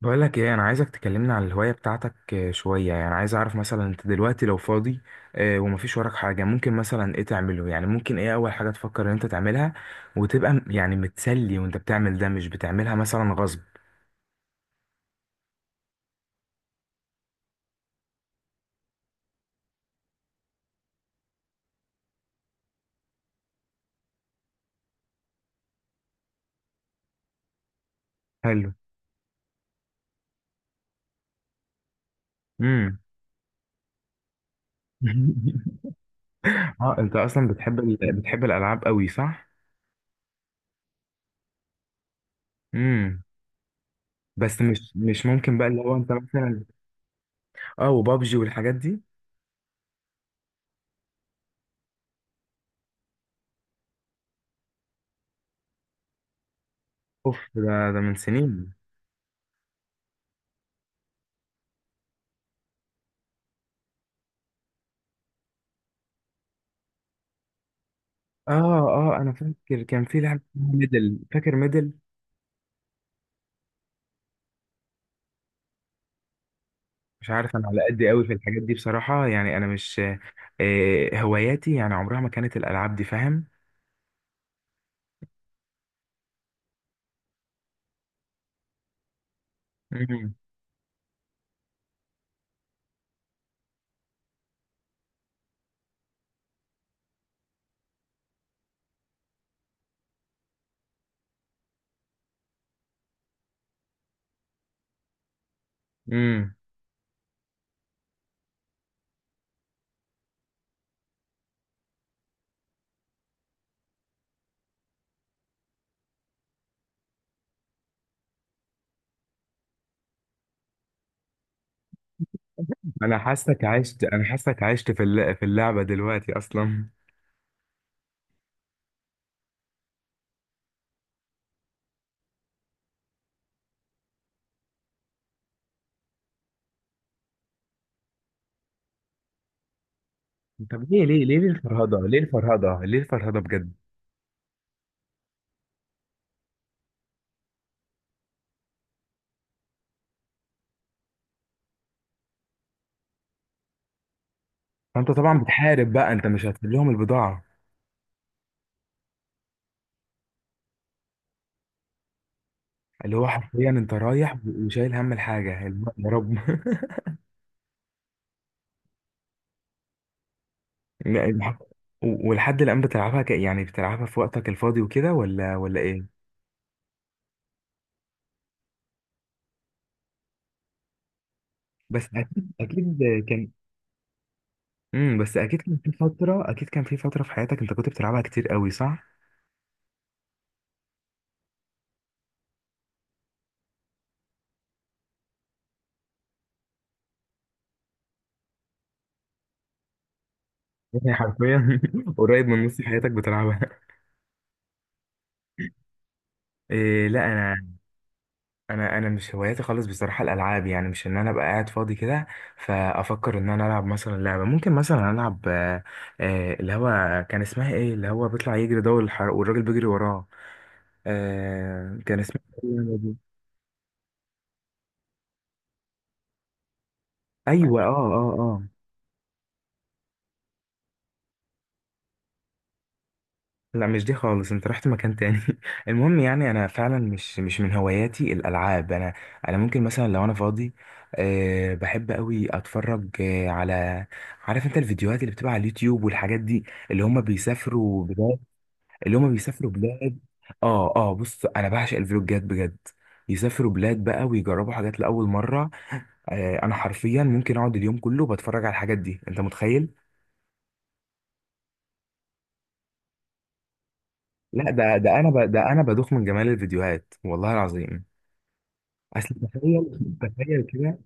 بقولك ايه، انا عايزك تكلمنا عن الهواية بتاعتك. شوية يعني عايز اعرف مثلا انت دلوقتي لو فاضي، ومفيش وراك حاجة، ممكن مثلا ايه تعمله، يعني ممكن ايه اول حاجة تفكر ان انت تعملها، وتبقى يعني متسلي، وانت بتعمل ده مش بتعملها مثلا غصب. حلو. امم. اه، انت اصلا بتحب بتحب الالعاب قوي، صح؟ امم. بس مش ممكن بقى اللي هو انت مثلا. اه، وبابجي والحاجات دي. اوف، ده من سنين. اه، اه، انا فاكر كان في لعبة اسمها ميدل. فاكر ميدل؟ مش عارف، انا على قد قوي في الحاجات دي بصراحة، يعني انا مش هواياتي، يعني عمرها ما كانت الالعاب دي، فاهم؟ امم. امم. انا حاسك عشت في اللعبة دلوقتي اصلا. طب ليه الفرهدة، ليه الفرهدة، ليه الفرهدة بجد؟ فانت طبعا بتحارب بقى، انت مش هتسيب لهم البضاعة. اللي هو حرفيا انت رايح وشايل هم الحاجة يا رب. لا، ولحد الآن بتلعبها يعني بتلعبها في وقتك الفاضي وكده، ولا ايه؟ بس، اكيد اكيد. امم، بس اكيد كان في فتره في حياتك، انت كنت بتلعبها كتير قوي، صح؟ يعني حرفيا، قريب من نص حياتك بتلعبها. إيه، لا، انا مش هواياتي خالص بصراحه الالعاب، يعني مش ان انا ابقى قاعد فاضي كده. فافكر ان انا العب مثلا لعبه، ممكن مثلا العب اللي هو كان اسمها ايه، اللي هو بيطلع يجري ده والحر- والراجل بيجري وراه. كان اسمها إيه اللعبة دي؟ ايوه، اه، اه، اه. لا، مش دي خالص، انت رحت مكان تاني. المهم، يعني انا فعلا مش من هواياتي الالعاب. انا، انا ممكن مثلا لو انا فاضي، أه بحب قوي اتفرج على، عارف انت، الفيديوهات اللي بتبقى على اليوتيوب والحاجات دي، اللي هم بيسافروا بلاد، اللي هم بيسافروا بلاد. اه، اه، بص انا بعشق الفلوجات بجد. يسافروا بلاد بقى، ويجربوا حاجات لاول مره. أه، انا حرفيا ممكن اقعد اليوم كله بتفرج على الحاجات دي، انت متخيل؟ لا، ده انا بدوخ من جمال الفيديوهات، والله العظيم. اصل تخيل، تخيل كده.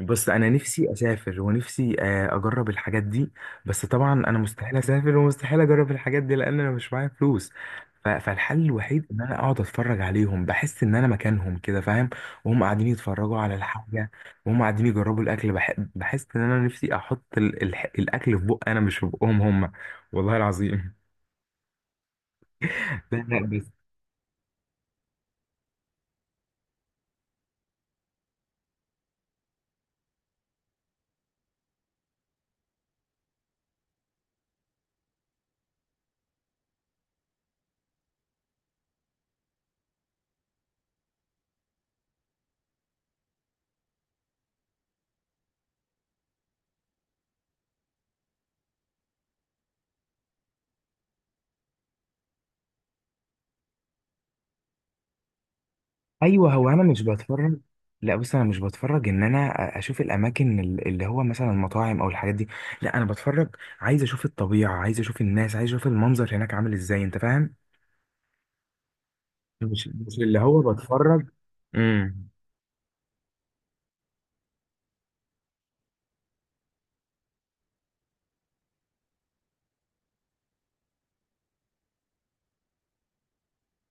بص، انا نفسي اسافر ونفسي اجرب الحاجات دي. بس طبعا انا مستحيل اسافر، ومستحيل اجرب الحاجات دي لان انا مش معايا فلوس. فالحل الوحيد ان انا اقعد اتفرج عليهم، بحس ان انا مكانهم كده، فاهم؟ وهم قاعدين يتفرجوا على الحاجه، وهم قاعدين يجربوا الاكل، بحس ان انا نفسي احط الاكل في بق انا مش في بقهم هم. والله العظيم. لا، لا، بس. ايوه، هو انا مش بتفرج. لا، بص انا مش بتفرج ان انا اشوف الاماكن اللي هو مثلا المطاعم او الحاجات دي. لا، انا بتفرج عايز اشوف الطبيعه، عايز اشوف الناس، عايز اشوف المنظر هناك عامل ازاي، انت فاهم؟ مش اللي هو بتفرج. امم.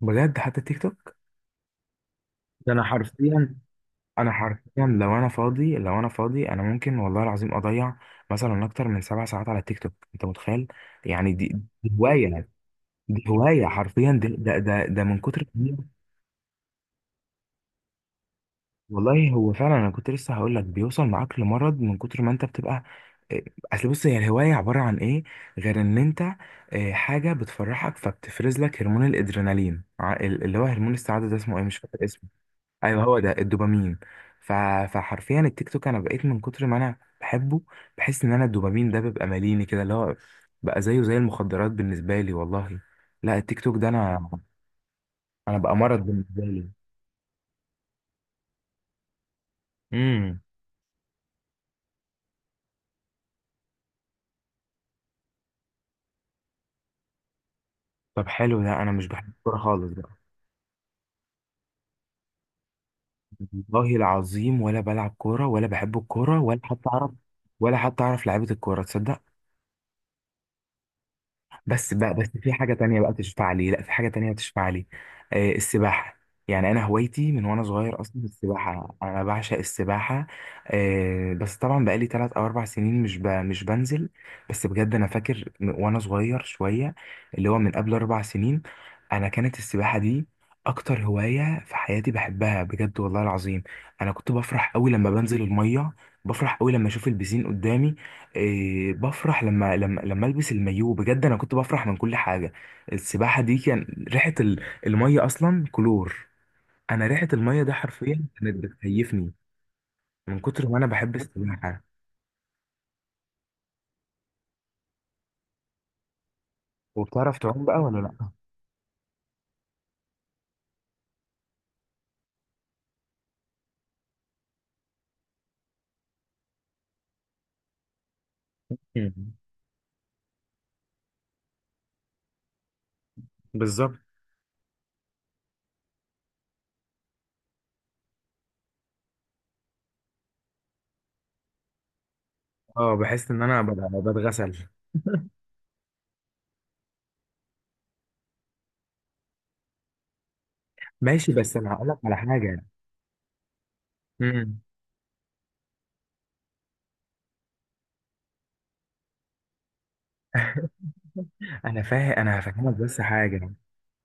بجد، حتى تيك توك؟ ده انا حرفيا، لو انا فاضي، انا ممكن والله العظيم اضيع مثلا اكتر من 7 ساعات على التيك توك، انت متخيل؟ يعني دي هوايه. دي هوايه حرفيا، ده من كتر. والله، هو فعلا انا كنت لسه هقول لك بيوصل معاك لمرض من كتر ما انت بتبقى إيه، اصل بص، هي الهوايه عباره عن ايه غير ان انت إيه، حاجه بتفرحك، فبتفرز لك هرمون الادرينالين، اللي هو هرمون السعاده ده، اسمه ايه، مش فاكر اسمه. ايوه، هو ده الدوبامين. ف... فحرفيا التيك توك، انا بقيت من كتر ما انا بحبه، بحس ان انا الدوبامين ده بيبقى ماليني كده، اللي هو بقى زيه زي المخدرات بالنسبه لي والله. لا، التيك توك ده انا بقى مرض بالنسبه لي. امم. طب حلو، ده انا مش بحب الكوره خالص. والله العظيم، ولا بلعب كورة، ولا بحب الكورة، ولا حتى أعرف، ولا حتى أعرف لعيبة الكورة، تصدق؟ بس بقى، بس في حاجة تانية بقى تشفع لي، لا، في حاجة تانية تشفع لي. السباحة. يعني أنا هوايتي من وأنا صغير أصلا السباحة، أنا بعشق السباحة. بس طبعا بقالي 3 أو 4 سنين مش بنزل. بس بجد أنا فاكر وأنا صغير شوية، اللي هو من قبل 4 سنين، أنا كانت السباحة دي أكتر هواية في حياتي بحبها بجد والله العظيم. أنا كنت بفرح أوي لما بنزل المية، بفرح أوي لما أشوف البسين قدامي، إيه بفرح لما البس المايو، بجد انا كنت بفرح من كل حاجه. السباحه دي، كان ريحه الميه اصلا كلور. انا ريحه الميه ده حرفيا كانت بتكيفني من كتر ما انا بحب السباحه. وبتعرف تعوم بقى، ولا لا؟ مم. بالظبط. اه، بحس ان انا ببقى بتغسل. ماشي، بس انا هقول لك على حاجه. امم. انا فاهم، انا هفهمك بس حاجه.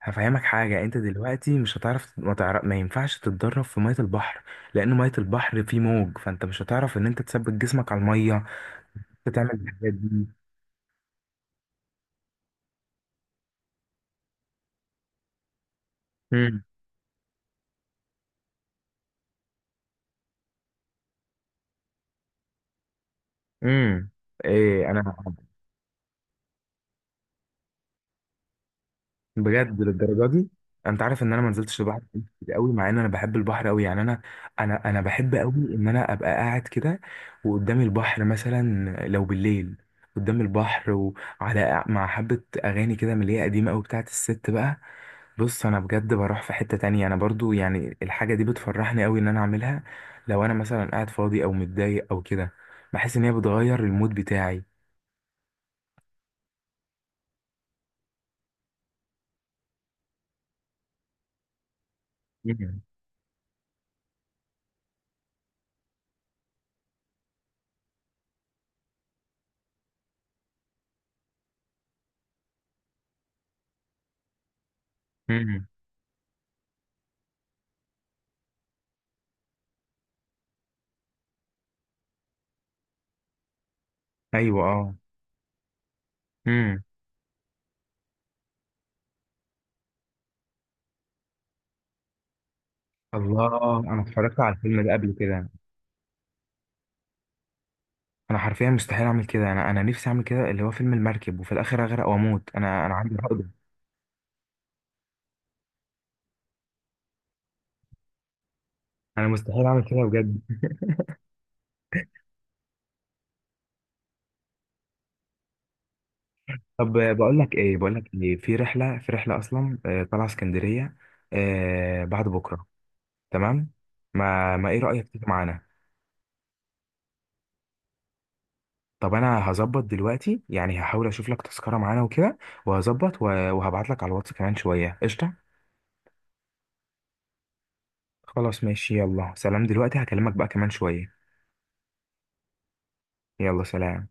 هفهمك حاجة، انت دلوقتي مش هتعرف، ما ينفعش تتدرب في مية البحر، لان مية البحر فيه موج، فانت مش هتعرف ان انت تثبت جسمك على المية، تعمل الحاجات دي. امم. امم. ايه انا، بجد للدرجة دي؟ انت عارف ان انا ما نزلتش البحر كتير قوي، مع ان انا بحب البحر قوي، يعني انا بحب قوي ان انا ابقى قاعد كده، وقدامي البحر مثلا، لو بالليل، قدام البحر، مع حبة أغاني كده من اللي هي قديمة أوي بتاعت الست بقى. بص، انا بجد بروح في حتة تانية، انا برضو يعني الحاجة دي بتفرحني قوي ان انا اعملها، لو انا مثلا قاعد فاضي او متضايق او كده، بحس ان هي بتغير المود بتاعي. مم. مم. ايوه، اه. مم. الله، انا اتفرجت على الفيلم ده قبل كده. انا حرفيا مستحيل اعمل كده، انا نفسي اعمل كده اللي هو فيلم المركب، وفي الاخر اغرق واموت، انا عندي عقدة. انا مستحيل اعمل كده بجد. طب بقول لك ايه، في رحلة اصلا طالعة اسكندرية بعد بكرة. تمام. ما ايه رأيك تيجي معانا؟ طب انا هظبط دلوقتي يعني، هحاول اشوف لك تذكرة معانا وكده، وهظبط وهبعت لك على الواتس كمان شوية. قشطة. خلاص ماشي، يلا سلام، دلوقتي هكلمك بقى كمان شوية. يلا سلام.